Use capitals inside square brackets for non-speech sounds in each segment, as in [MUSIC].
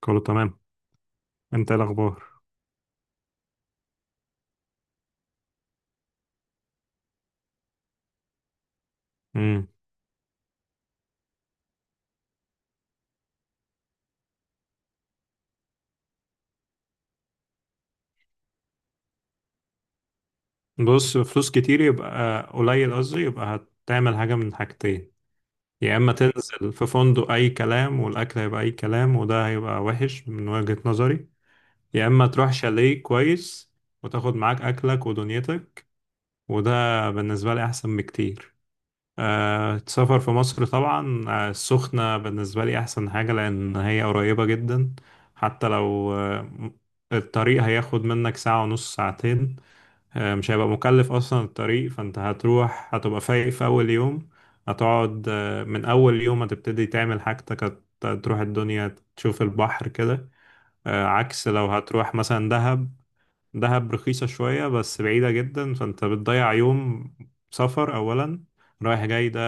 كله تمام. انت ايه الاخبار؟ امم. بص، فلوس كتير يبقى قليل، قصدي يبقى هتعمل حاجه من حاجتين. يا اما تنزل في فندق اي كلام والاكل هيبقى اي كلام وده هيبقى وحش من وجهه نظري، يا اما تروح شاليه كويس وتاخد معاك اكلك ودنيتك، وده بالنسبه لي احسن بكتير. أه السفر في مصر طبعا، السخنه بالنسبه لي احسن حاجه لان هي قريبه جدا. حتى لو الطريق هياخد منك ساعه ونص ساعتين، مش هيبقى مكلف اصلا الطريق. فانت هتروح هتبقى فايق في اول يوم، هتقعد من اول يوم هتبتدي تعمل حاجتك، تروح الدنيا تشوف البحر كده. عكس لو هتروح مثلا دهب. دهب رخيصة شوية بس بعيدة جدا، فانت بتضيع يوم سفر اولا. رايح جاي ده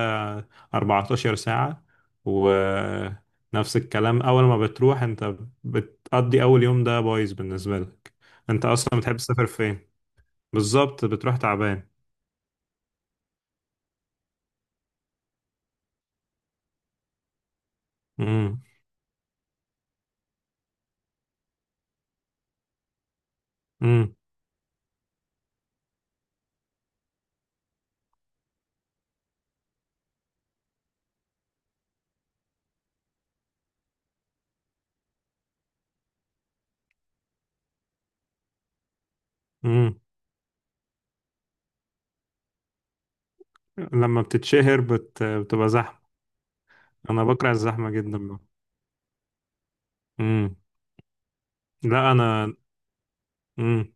14 ساعة. ونفس الكلام، اول ما بتروح انت بتقضي اول يوم ده بايظ بالنسبة لك. انت اصلا بتحب تسافر فين؟ بالظبط بتروح تعبان. امم. امم. امم. لما بتتشهر بتبقى زحمة. انا بكره الزحمة جدا بقى. امم. لا انا. امم.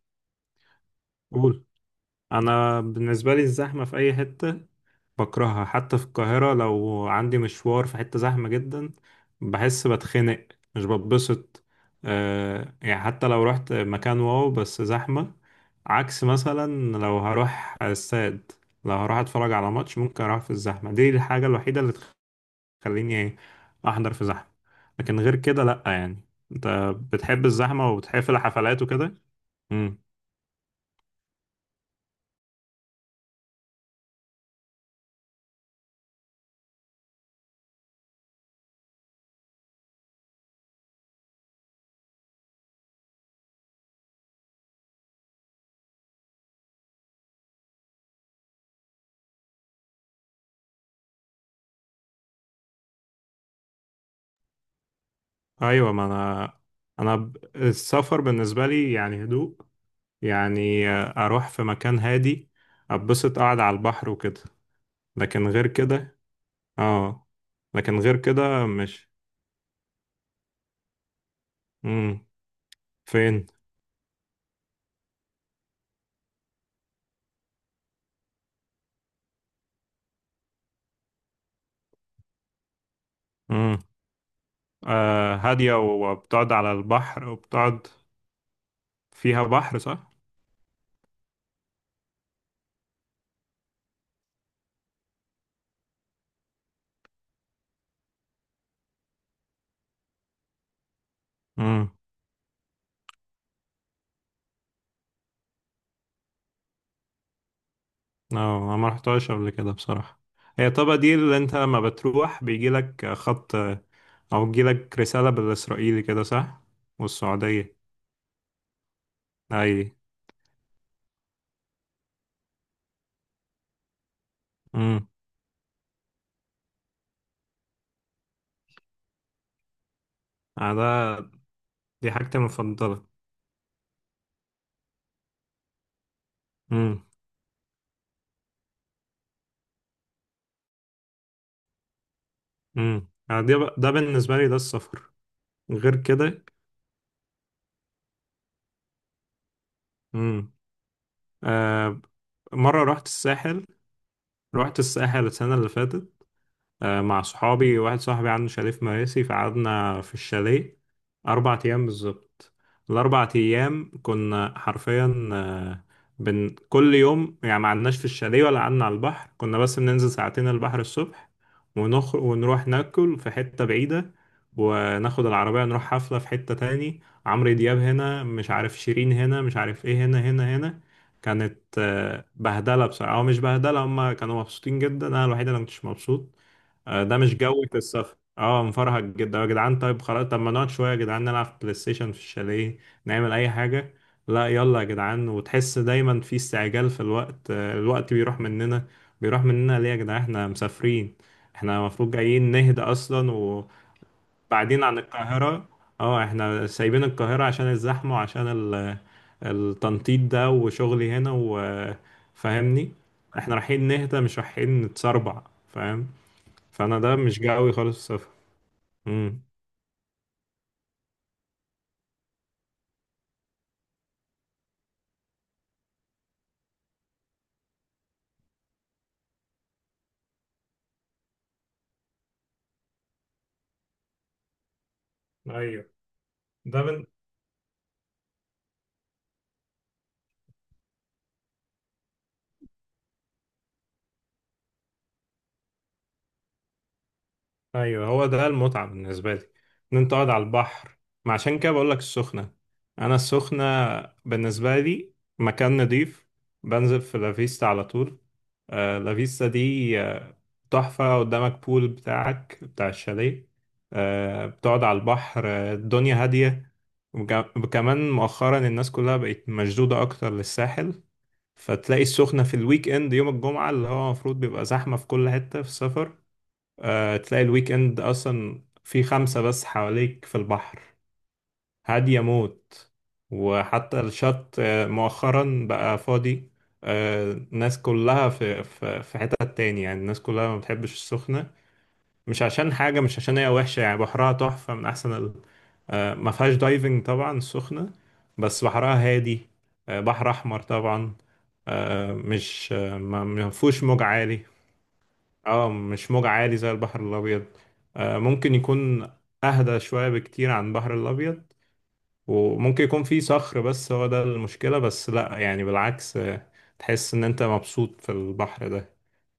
قول. انا بالنسبة لي الزحمة في اي حتة بكرهها، حتى في القاهرة لو عندي مشوار في حتة زحمة جدا بحس بتخنق، مش بتبسط. أه يعني حتى لو رحت مكان واو بس زحمة. عكس مثلا لو هروح استاد، لو هروح اتفرج على ماتش ممكن اروح في الزحمة دي. الحاجة الوحيدة اللي خليني احضر في زحمه. لكن غير كده لا يعني. انت بتحب الزحمه وبتحب الحفلات وكده؟ امم. ايوه ما انا السفر بالنسبه لي يعني هدوء، يعني اروح في مكان هادي، اتبسط قاعد على البحر وكده. لكن غير كده اه، لكن غير كده مش... امم. فين؟ امم. آه هاديه وبتقعد على البحر وبتقعد. فيها بحر صح؟ اه انا ما رحتهاش قبل كده بصراحة. هي الطبقة دي اللي انت لما بتروح بيجي لك خط او بيجي لك رسالة بالاسرائيلي كده صح؟ والسعودية. اي. امم. ده. دي حاجتي المفضلة. امم. امم. ده بالنسبة لي ده السفر. غير كده. امم. آه. مرة رحت الساحل، رحت الساحل السنة اللي فاتت مع صحابي، واحد صاحبي عنده شاليه في مراسي، فقعدنا في الشاليه 4 أيام بالظبط. الأربع أيام كنا حرفيا آه، بن كل يوم، يعني ما قعدناش في الشاليه ولا قعدنا على البحر، كنا بس بننزل ساعتين البحر الصبح، ونخرج ونروح ناكل في حتة بعيدة، وناخد العربية نروح حفلة في حتة تاني. عمرو دياب هنا مش عارف، شيرين هنا مش عارف ايه، هنا هنا هنا. كانت بهدلة بصراحة، أو مش بهدلة، هما كانوا مبسوطين جدا، أنا الوحيد اللي مكنتش مبسوط. ده مش جو في السفر. اه مفرهد جدا يا جدعان، طيب خلاص، طب ما نقعد شويه يا جدعان نلعب بلاي ستيشن في الشاليه، نعمل اي حاجه. لا يلا يا جدعان. وتحس دايما في استعجال في الوقت، الوقت بيروح مننا، بيروح مننا ليه يا جدعان؟ احنا مسافرين، احنا المفروض جايين نهدى اصلا. وبعدين عن القاهره، اه احنا سايبين القاهره عشان الزحمه وعشان التنطيط ده وشغلي هنا وفاهمني. احنا رايحين نهدى مش رايحين نتسربع، فاهم. فانا ده مش جاوي خالص في السفر. امم. ايوه ده بن... ايوه هو ده المتعه بالنسبه لي، ان انت قاعد على البحر. ما عشان كده بقول لك السخنه. انا السخنه بالنسبه لي مكان نضيف. بنزل في لافيستا على طول. آه لافيستا دي تحفه. قدامك بول بتاعك بتاع الشاليه، آه بتقعد على البحر. الدنيا هاديه. وكمان مؤخرا الناس كلها بقت مشدوده اكتر للساحل. فتلاقي السخنة في الويك اند يوم الجمعة اللي هو المفروض بيبقى زحمة في كل حتة في السفر، آه تلاقي الويك اند أصلا في 5 بس حواليك في البحر. هادية موت. وحتى الشط مؤخرا بقى فاضي. آه الناس كلها في حتة تاني، يعني الناس كلها ما بتحبش السخنة، مش عشان حاجة، مش عشان هي وحشة، يعني بحرها تحفة من أحسن ال... آه ما فيهاش دايفنج طبعا السخنة، بس بحرها هادي، آه بحر أحمر طبعا. آه مش آه ما فيهوش موج عالي. اه مش موج عالي زي البحر الابيض. آه ممكن يكون اهدى شوية بكتير عن البحر الابيض، وممكن يكون فيه صخر بس هو ده المشكلة. بس لا يعني بالعكس، آه تحس ان انت مبسوط في البحر ده.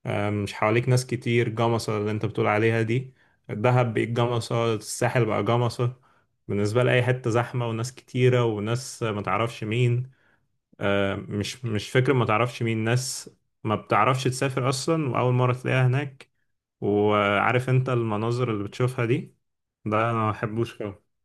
آه مش حواليك ناس كتير. جمصة اللي انت بتقول عليها دي، الدهب بقت جمصة، الساحل بقى جمصة. بالنسبة لأي حتة زحمة وناس كتيرة وناس ما تعرفش مين. مش فكرة ما تعرفش مين ناس، ما بتعرفش تسافر أصلا وأول مرة تلاقيها هناك. وعارف أنت المناظر اللي بتشوفها دي، ده أنا ما بحبوش خالص.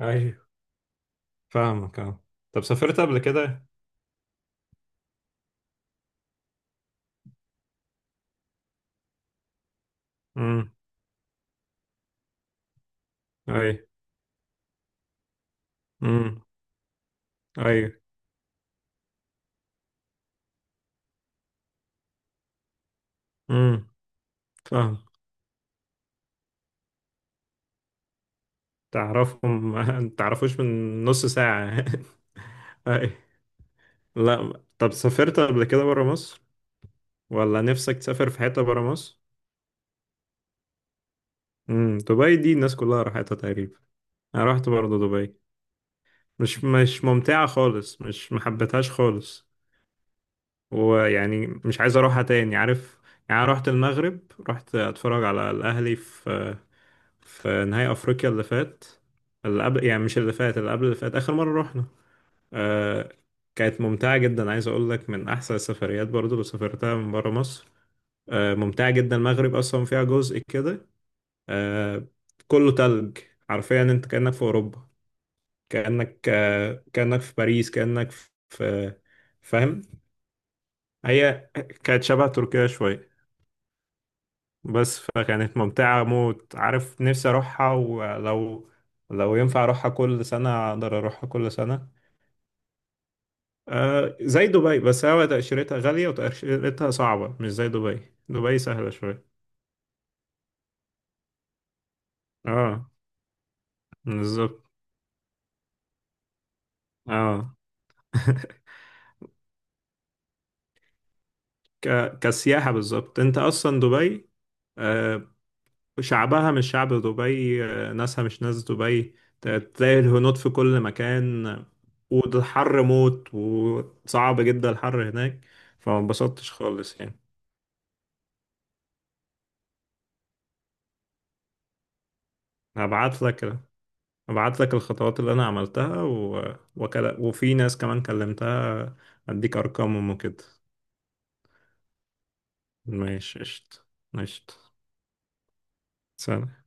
أيوه، فاهمك أه. طب سافرت قبل كده؟ أمم. أيوه. أمم. أيوه. أمم. فاهم. تعرفهم [LAUGHS] تعرفوش من نص ساعة. [LAUGHS] أيوه. لا طب سافرت قبل كده برا مصر ولا نفسك تسافر في حتة برا مصر؟ أمم دبي دي الناس كلها راحتها تقريبا، أنا رحت برضه دبي، مش مش ممتعة خالص، مش محبتهاش خالص. ويعني مش عايز أروحها تاني عارف. يعني أنا رحت المغرب، رحت أتفرج على الأهلي في في نهائي أفريقيا اللي فات، اللي قبل يعني، مش اللي فات، اللي قبل اللي فات. آخر مرة رحنا آه كانت ممتعة جدا، عايز أقول لك من أحسن السفريات برضو اللي سافرتها من برا مصر. آه ممتعة جدا. المغرب أصلا فيها جزء كده آه كله تلج، حرفيا أنت كأنك في أوروبا، كأنك كأنك في باريس، كأنك في... فاهم. هي كانت شبه تركيا شوية، بس فكانت ممتعة موت عارف. نفسي أروحها ولو، لو ينفع أروحها كل سنة أقدر أروحها كل سنة. آه زي دبي، بس هو تأشيرتها غالية وتأشيرتها صعبة، مش زي دبي، دبي سهلة شوية. اه بالظبط اه. [LAUGHS] كسياحة بالظبط. انت اصلا دبي آه، شعبها مش شعب دبي، ناسها مش ناس دبي. تلاقي الهنود في كل مكان. والحر موت وصعب جدا الحر هناك، فما انبسطتش خالص يعني. هبعت لك، هبعت لك الخطوات اللي انا عملتها وفي ناس كمان كلمتها، اديك ارقامهم وكده. ماشي قشطة. قشطة. سلام.